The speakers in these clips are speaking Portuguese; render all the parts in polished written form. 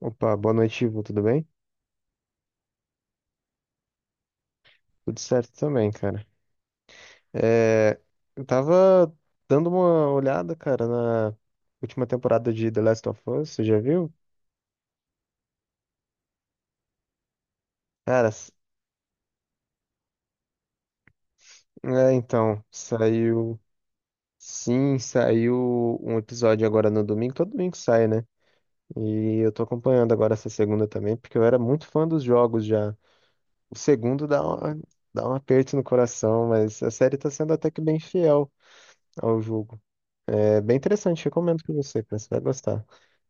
Opa, boa noite, Ivo. Tudo bem? Tudo certo também, cara. É, eu tava dando uma olhada, cara, na última temporada de The Last of Us, você já viu? Cara, s- saiu. Sim, saiu um episódio agora no domingo. Todo domingo sai, né? E eu tô acompanhando agora essa segunda também, porque eu era muito fã dos jogos já. O segundo dá uma- dá um aperto no coração, mas a série tá sendo até que bem fiel ao jogo. É bem interessante, recomendo pra você, cara. Você vai gostar.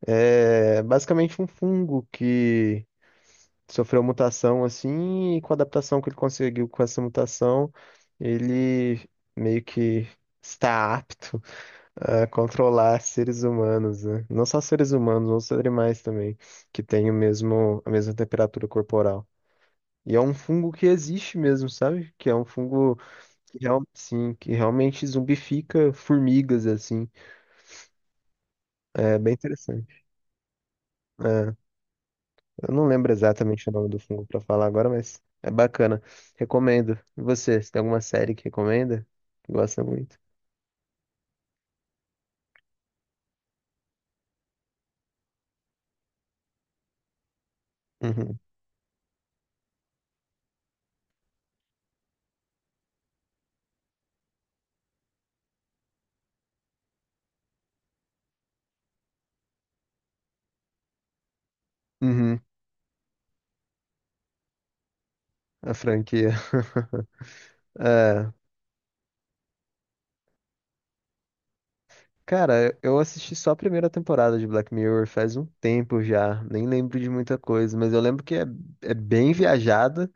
É basicamente um fungo que sofreu mutação assim, e com a adaptação que ele conseguiu com essa mutação, ele meio que está apto a controlar seres humanos, né? Não só seres humanos, outros animais também, que têm a mesma temperatura corporal. E é um fungo que existe mesmo, sabe? Que é um fungo que, real, sim, que realmente zumbifica formigas, assim. É bem interessante. É. Eu não lembro exatamente o nome do fungo pra falar agora, mas é bacana. Recomendo. E você tem alguma série que recomenda? Que gosta muito? Uhum. Uhum. A franquia. É. Cara, eu assisti só a primeira temporada de Black Mirror faz um tempo já. Nem lembro de muita coisa, mas eu lembro que é bem viajada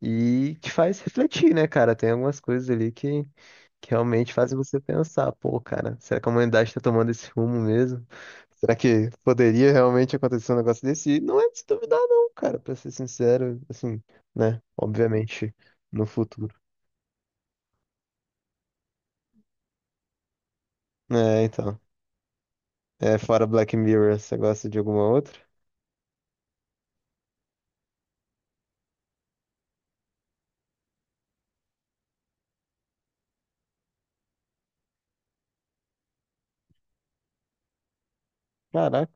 e te faz refletir, né, cara? Tem algumas coisas ali que realmente fazem você pensar, pô, cara, será que a humanidade está tomando esse rumo mesmo? Será que poderia realmente acontecer um negócio desse? E não é de se duvidar, não, cara, pra ser sincero, assim, né? Obviamente, no futuro. É, então. É, fora Black Mirror, você gosta de alguma outra? Caraca,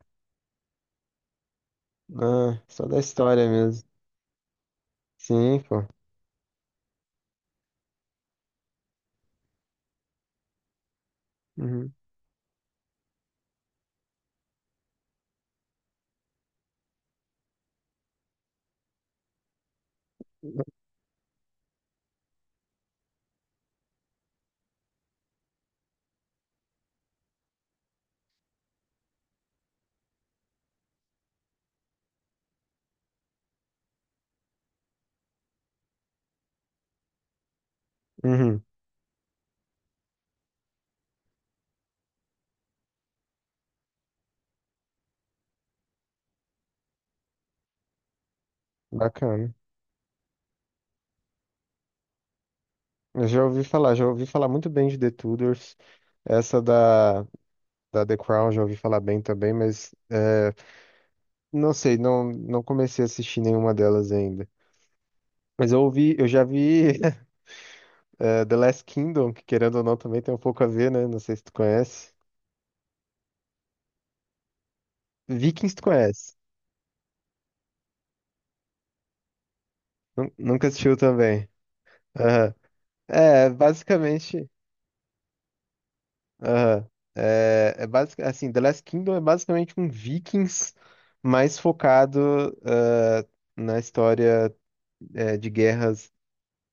ah, só da história mesmo. Sim, pô. Uhum. Uhum, bacana. Eu já ouvi falar muito bem de The Tudors. Essa da The Crown já ouvi falar bem também, não sei, não, não comecei a assistir nenhuma delas ainda. Mas eu ouvi, eu já vi The Last Kingdom, que querendo ou não também tem um pouco a ver, né? Não sei se tu conhece. Vikings tu conhece. Nunca assistiu também. Aham. É, basicamente. Aham. The Last Kingdom é basicamente um Vikings mais focado na história, de guerras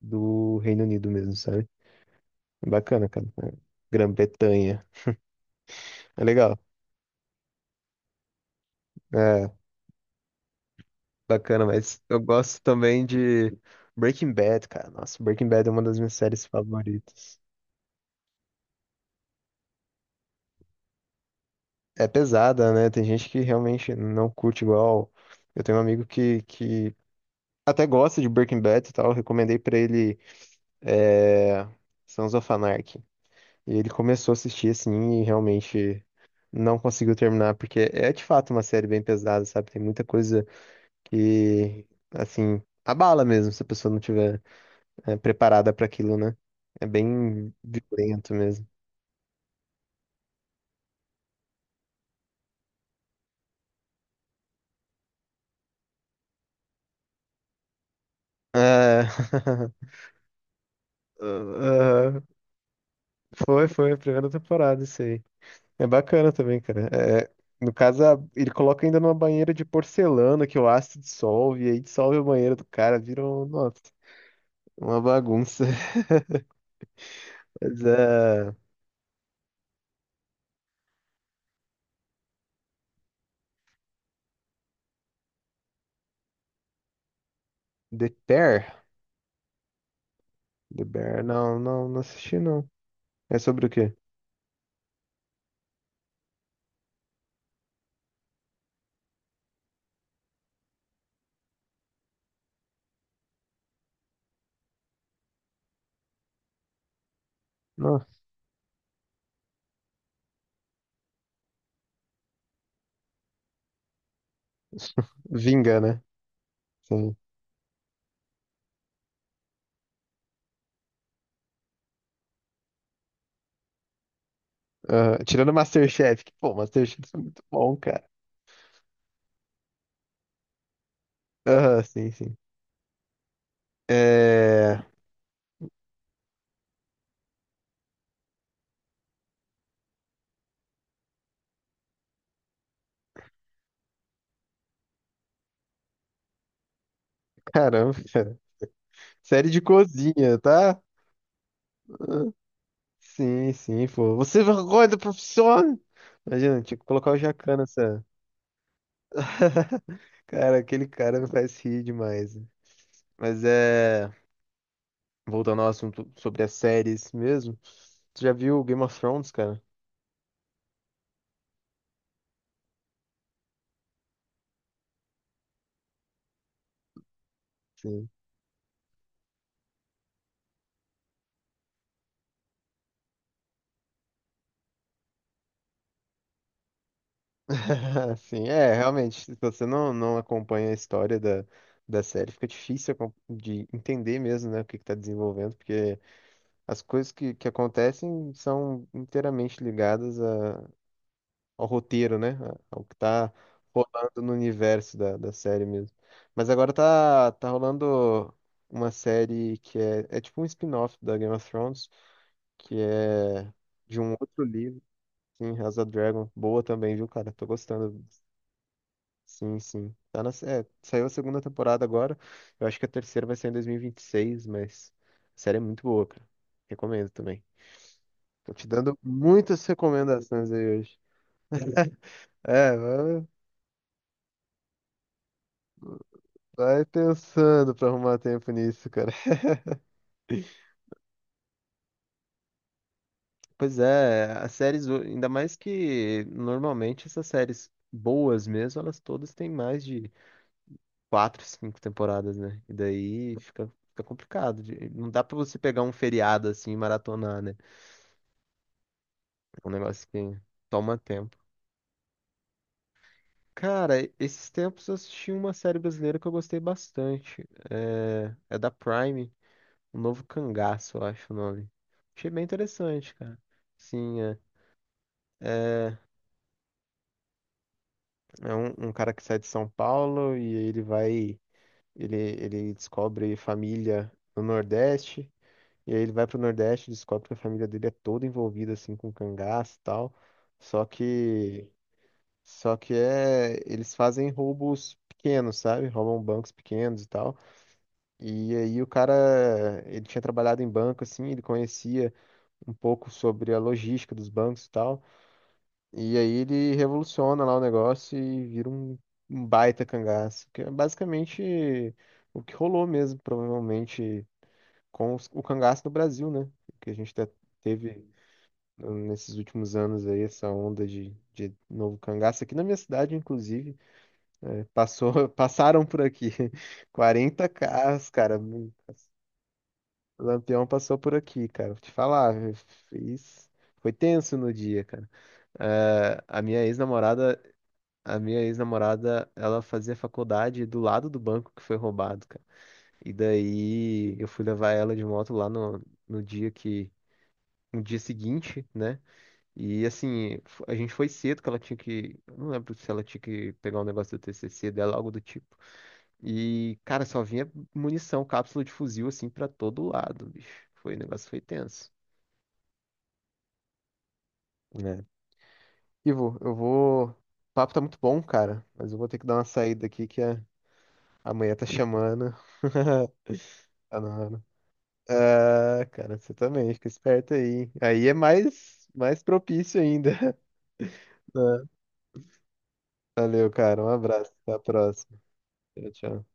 do Reino Unido mesmo, sabe? Bacana, cara. É, Grã-Bretanha. É legal. É. Bacana, mas eu gosto também de Breaking Bad, cara. Nossa, Breaking Bad é uma das minhas séries favoritas. É pesada, né? Tem gente que realmente não curte igual. Eu tenho um amigo que até gosta de Breaking Bad e tal. Eu recomendei pra ele é... Sons of Anarchy. E ele começou a assistir assim e realmente não conseguiu terminar, porque é de fato uma série bem pesada, sabe? Tem muita coisa que, assim, abala mesmo se a pessoa não tiver, é, preparada para aquilo, né? É bem violento mesmo. É... Ah, foi, foi, a primeira temporada, isso aí. É bacana também, cara. É, no caso, ele coloca ainda numa banheira de porcelana que o ácido dissolve, e aí dissolve a banheira do cara, vira um, nossa, uma bagunça. Mas, é, The Bear? The Bear, não, não, não assisti, não. É sobre o quê? Nossa, vinga, né? Sim. Ah, tirando Masterchef, que, pô, Masterchef é muito bom, cara. Aham, sim, sim. É. Caramba, cara. Série de cozinha, tá? Ah, sim, sim, pô. Você é vergonha da profissão? Imagina, tinha que colocar o Jacan nessa. Cara, aquele cara me faz rir demais. Mas é. Voltando ao assunto sobre as séries mesmo. Tu já viu Game of Thrones, cara? Sim. Sim, é, realmente. Se você não, não acompanha a história da série, fica difícil de entender mesmo, né, o que que tá desenvolvendo, porque. As coisas que acontecem são inteiramente ligadas ao roteiro, né? Ao que tá rolando no universo da série mesmo. Mas agora tá, tá rolando uma série que é tipo um spin-off da Game of Thrones, que é de um outro livro, sim, House of Dragon. Boa também, viu, cara? Tô gostando. Sim, sim. Saiu a segunda temporada agora. Eu acho que a terceira vai sair em 2026, mas a série é muito boa, cara. Recomendo também. Tô te dando muitas recomendações aí hoje. É, vai, vai pensando pra arrumar tempo nisso, cara. Pois é, as séries, ainda mais que normalmente essas séries boas mesmo, elas todas têm mais de quatro, cinco temporadas, né? E daí fica, fica complicado. Não dá pra você pegar um feriado assim e maratonar, né? É um negócio que toma tempo. Cara, esses tempos eu assisti uma série brasileira que eu gostei bastante. É da Prime. Um novo cangaço, eu acho o nome. Achei bem interessante, cara. Sim, é. É, é um, um cara que sai de São Paulo e aí ele vai. Ele descobre família no Nordeste. E aí ele vai pro Nordeste e descobre que a família dele é toda envolvida assim com cangaço e tal. Só que. Só que é. Eles fazem roubos pequenos, sabe? Roubam bancos pequenos e tal. E aí o cara. Ele tinha trabalhado em banco, assim, ele conhecia um pouco sobre a logística dos bancos e tal. E aí ele revoluciona lá o negócio e vira um, um baita cangaço, que é basicamente o que rolou mesmo, provavelmente, com o cangaço no Brasil, né? Que a gente teve, nesses últimos anos aí, essa onda de novo cangaço. Aqui na minha cidade, inclusive, né, passou, passaram por aqui 40 carros, cara. O Lampião passou por aqui, cara. Vou te falar, eu fiz... foi tenso no dia, cara. É, a minha ex-namorada, ela fazia faculdade do lado do banco que foi roubado, cara. E daí eu fui levar ela de moto lá no, no dia que, no dia seguinte, né? E assim, a gente foi cedo que ela tinha que, eu não lembro se ela tinha que pegar um negócio do TCC dela, algo do tipo. E, cara, só vinha munição, cápsula de fuzil assim pra todo lado, bicho. Foi, o negócio foi tenso, né? Ivo, eu vou. O papo tá muito bom, cara, mas eu vou ter que dar uma saída aqui que é. Amanhã tá chamando. Tá na hora. Ah, cara, você também, fica esperto aí. Aí é mais, mais propício ainda. Valeu, cara. Um abraço. Até a próxima. Tchau, tchau.